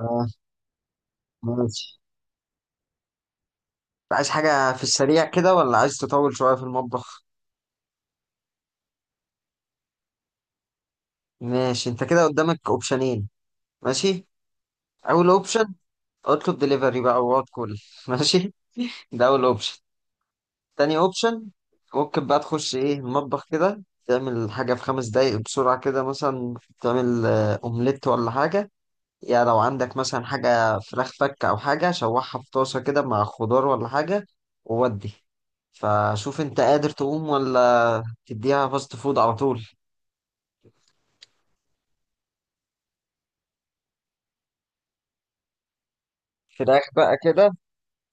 اه. ماشي، عايز حاجة في السريع كده ولا عايز تطول شوية في المطبخ؟ ماشي، انت كده قدامك اوبشنين. ماشي. اول اوبشن: اطلب دليفري بقى وقعد كل ماشي، ده اول اوبشن. تاني اوبشن، ممكن بقى تخش ايه المطبخ كده تعمل حاجة في خمس دقايق بسرعة كده مثلا. تعمل اومليت ولا حاجة، يا لو عندك مثلا حاجة فراخ فك أو حاجة شوحها في طاسة كده مع خضار ولا حاجة وودي. فشوف انت قادر تقوم ولا تديها فاست فود على طول. فراخ بقى كده،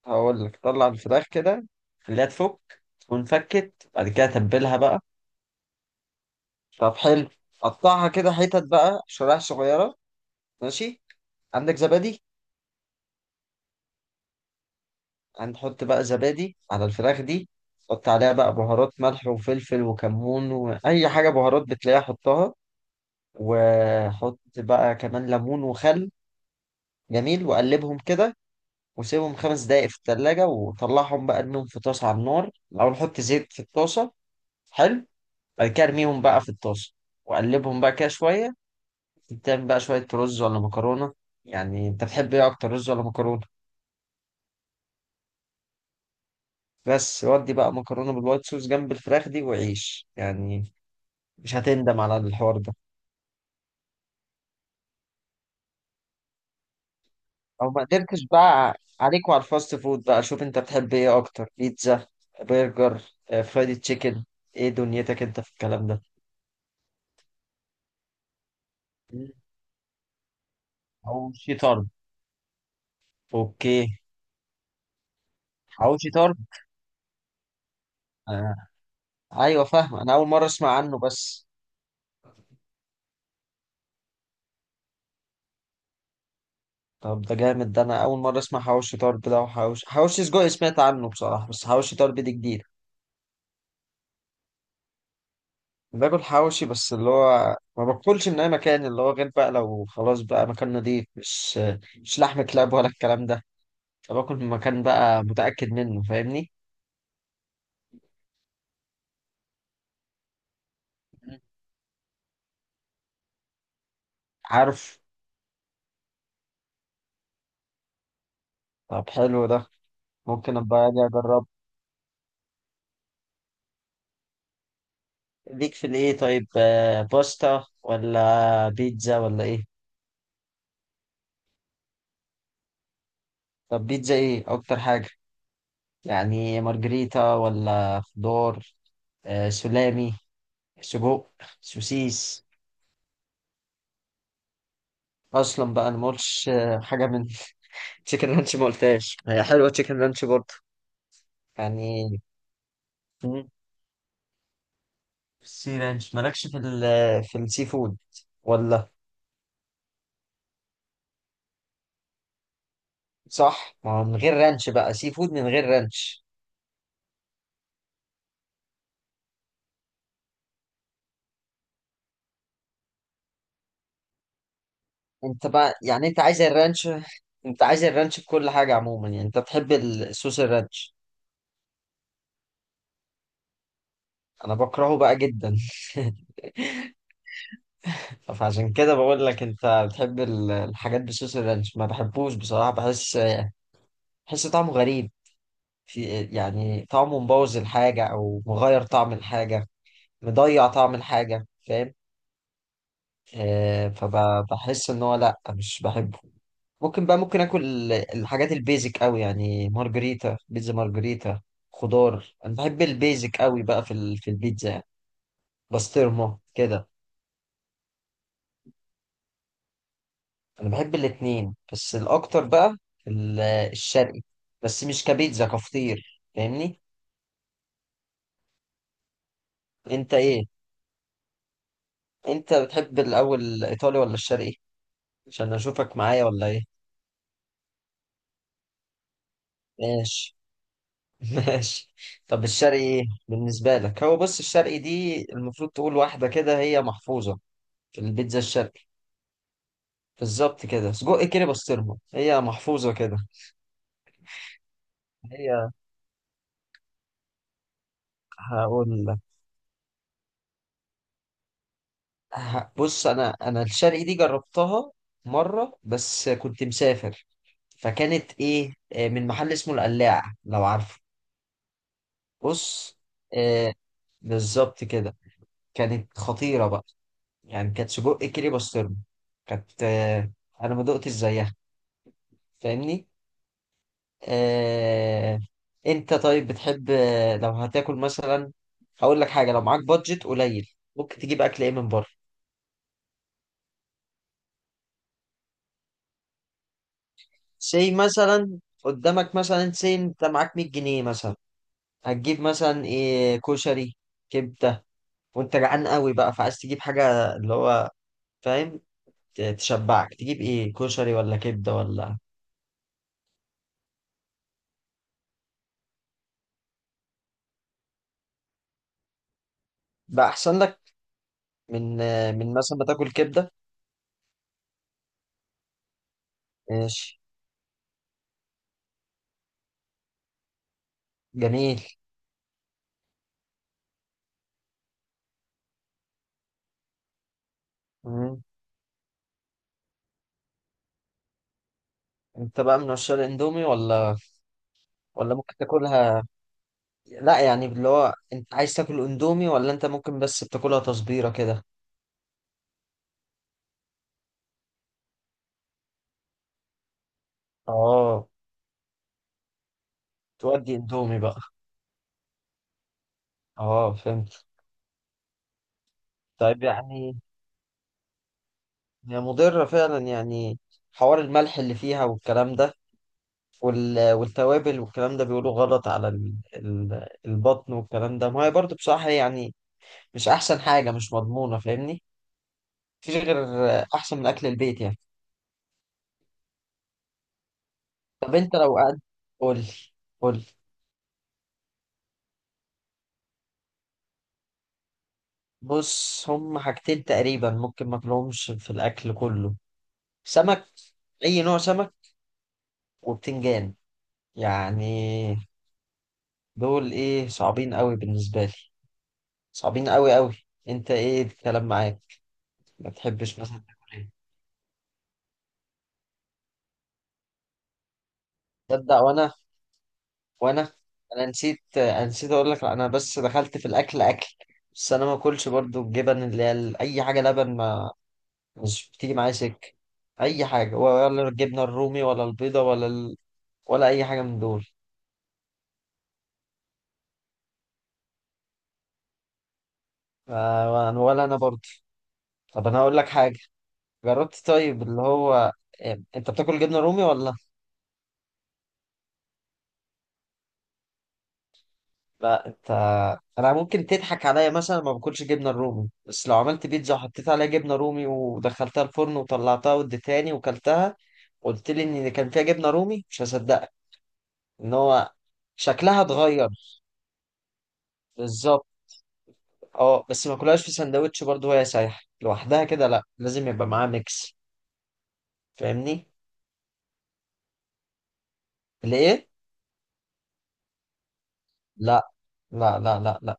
هقول لك طلع الفراخ كده، خليها تفك تكون فكت، بعد كده تبلها بقى. طب حلو، قطعها كده حتت بقى شرايح صغيرة. ماشي. عندك زبادي؟ هنحط بقى زبادي على الفراخ دي، حط عليها بقى بهارات ملح وفلفل وكمون وأي حاجة بهارات بتلاقيها حطها. وحط بقى كمان ليمون وخل. جميل، وقلبهم كده وسيبهم خمس دقايق في التلاجة وطلعهم بقى ارميهم في طاسة على النار. الأول حط زيت في الطاسة. حلو. بعد كده ارميهم بقى في الطاسة وقلبهم بقى كده شوية. تعمل بقى شوية رز ولا مكرونة. يعني أنت بتحب إيه أكتر، رز ولا مكرونة؟ بس ودي بقى مكرونة بالوايت صوص جنب الفراخ دي وعيش يعني. مش هتندم على الحوار ده. لو ما قدرتش بقى عليك وعلى الفاست فود بقى. شوف أنت بتحب إيه أكتر، بيتزا، برجر، فرايدي تشيكن. إيه دنيتك أنت في الكلام ده؟ أو شيطان. اوكي. حواوشي طرب. آه. ايوه فاهم، انا اول مره اسمع عنه بس. طب ده جامد ده، انا اول مره اسمع حواوشي طرب ده، وحواوشي حواوشي سجق سمعت عنه بصراحه، بس حواوشي طرب دي جديد. باكل حواوشي، بس اللي هو ما باكلش من اي مكان، اللي هو غير بقى لو خلاص بقى مكان نضيف، مش مش لحم كلاب ولا الكلام ده. فباكل من مكان بقى متاكد منه فاهمني. عارف. طب حلو ده. ممكن ابقى اجي اجرب ليك في الايه؟ طيب، باستا ولا بيتزا ولا ايه؟ طب بيتزا ايه اكتر حاجة؟ يعني مارجريتا ولا خضار، آه سلامي، سجق، سوسيس. اصلا بقى انا ما قلتش حاجة من تشيكن رانش ما قلتهاش، هي حلوة تشيكن رانش برضه يعني. مم. سي رانش مالكش في السي فود ولا؟ صح، ما هو من غير رانش بقى سي فود من غير رانش. انت بقى يعني انت عايز الرانش؟ انت عايز الرانش في كل حاجة عموما، يعني انت بتحب الصوص الرانش. انا بكرهه بقى جدا. فعشان كده بقول لك، انت بتحب الحاجات بصوص الرانش، ما بحبوش بصراحة. بحس طعمه غريب. في يعني طعمه مبوظ الحاجة او مغير طعم الحاجة، مضيع طعم الحاجة فاهم. فبحس ان هو لا مش بحبه. ممكن بقى ممكن اكل الحاجات البيزك قوي، يعني مارجريتا، بيتزا مارجريتا، خضار. انا بحب البيزك قوي بقى في في البيتزا يعني، بسطرمة كده. انا بحب الاتنين بس الاكتر بقى الشرقي، بس مش كبيتزا كفطير فاهمني. انت ايه، انت بتحب الاول الايطالي ولا الشرقي؟ عشان اشوفك معايا ولا ايه. ماشي. ماشي. طب الشرقي ايه بالنسبه لك؟ هو بص، الشرقي دي المفروض تقول واحده كده هي محفوظه في البيتزا الشرقي. بالظبط كده، سجق كده بسطرمه، هي محفوظه كده. هي هقول بص، انا الشرقي دي جربتها مره بس، كنت مسافر. فكانت ايه، من محل اسمه القلاع، لو عارفه. بص. آه، بالظبط كده. كانت خطيره بقى، يعني كانت سجق كيري بسطرمه. كانت آه، انا ما دقتش زيها فاهمني. آه، انت طيب بتحب، لو هتاكل مثلا، هقول لك حاجه. لو معاك بادجت قليل ممكن تجيب اكل ايه من بره؟ سي مثلا قدامك مثلا، سي انت معاك 100 جنيه مثلا، هتجيب مثلا ايه؟ كشري، كبده، وانت جعان قوي بقى، فعايز تجيب حاجه اللي هو فاهم تشبعك. تجيب ايه، كشري ولا كبده ولا؟ بقى احسن لك، من مثلا ما تاكل كبده. ماشي. جميل. مم. انت بقى من عشاق الاندومي ولا؟ ولا ممكن تاكلها، لا يعني اللي هو انت عايز تاكل اندومي ولا انت ممكن بس بتاكلها تصبيره كده. اه. تودي اندومي بقى. اه فهمت. طيب يعني، هي مضرة فعلا يعني؟ حوار الملح اللي فيها والكلام ده، والتوابل والكلام ده، بيقولوا غلط على البطن والكلام ده. ما هي برضه بصراحة يعني مش أحسن حاجة، مش مضمونة فاهمني. مفيش غير أحسن من أكل البيت يعني. طب أنت لو قعدت. قولي. قولي. بص، هم حاجتين تقريبا ممكن ماكلهمش في الأكل كله: سمك، أي نوع سمك، وبتنجان. يعني دول إيه، صعبين قوي بالنسبة لي، صعبين قوي قوي. انت ايه الكلام معاك، ما تحبش مثلا تاكل ايه؟ تصدق، وانا، وانا انا نسيت انا نسيت اقول لك، انا بس دخلت في الاكل اكل. بس انا ما اكلش برضو الجبن، اللي هي اي حاجه لبن ما مش بتيجي معايا سكه، اي حاجه ولا الجبنه الرومي ولا البيضه ولا ال... ولا اي حاجه من دول. ف- ولا انا برضو. طب انا هقول لك حاجه، جربت طيب اللي هو، انت بتاكل جبنه رومي ولا؟ لا انت، انا ممكن تضحك عليا مثلا، ما باكلش جبنه الرومي، بس لو عملت بيتزا وحطيت عليها جبنه رومي ودخلتها الفرن وطلعتها واديتهاني وكلتها، قلت لي ان كان فيها جبنه رومي مش هصدقك، ان هو شكلها اتغير. بالظبط. اه، بس ما كلهاش في سندوتش برضه وهي سايحه لوحدها كده. لا لازم يبقى معاها ميكس فاهمني. ليه. لا، لا، لا، لا، لا.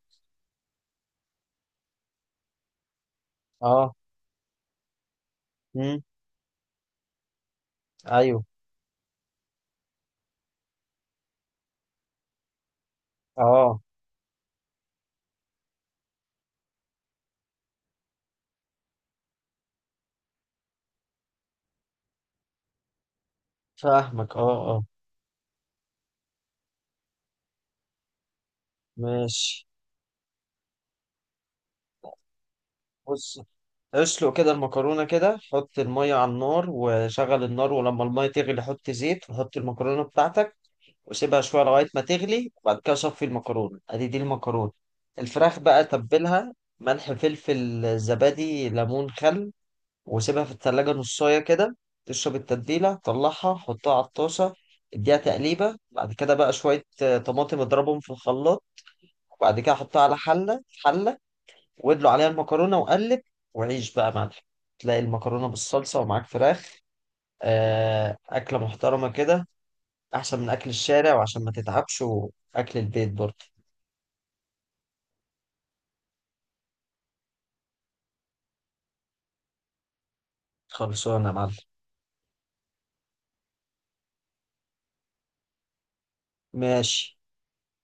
اه. امم. ايوه. اه. فاهمك، اه اه. ماشي. بص، اسلق كده المكرونة كده، حط المية على النار وشغل النار، ولما المية تغلي حط زيت وحط المكرونة بتاعتك وسيبها شوية لغاية ما تغلي. وبعد كده صفي المكرونة، ادي دي المكرونة. الفراخ بقى تبلها ملح فلفل زبادي ليمون خل، وسيبها في التلاجة نصاية كده. تشرب التتبيلة طلعها، حطها على الطاسة، اديها تقليبة. بعد كده بقى شوية طماطم اضربهم في الخلاط. وبعد كده حطها على حلة حلة وادلو عليها المكرونه وقلب. وعيش بقى يا معلم. تلاقي المكرونه بالصلصه ومعاك فراخ، اكله محترمه كده، احسن من اكل الشارع وعشان ما تتعبش واكل البيت برضه. خلصانه يا معلم. ماشي.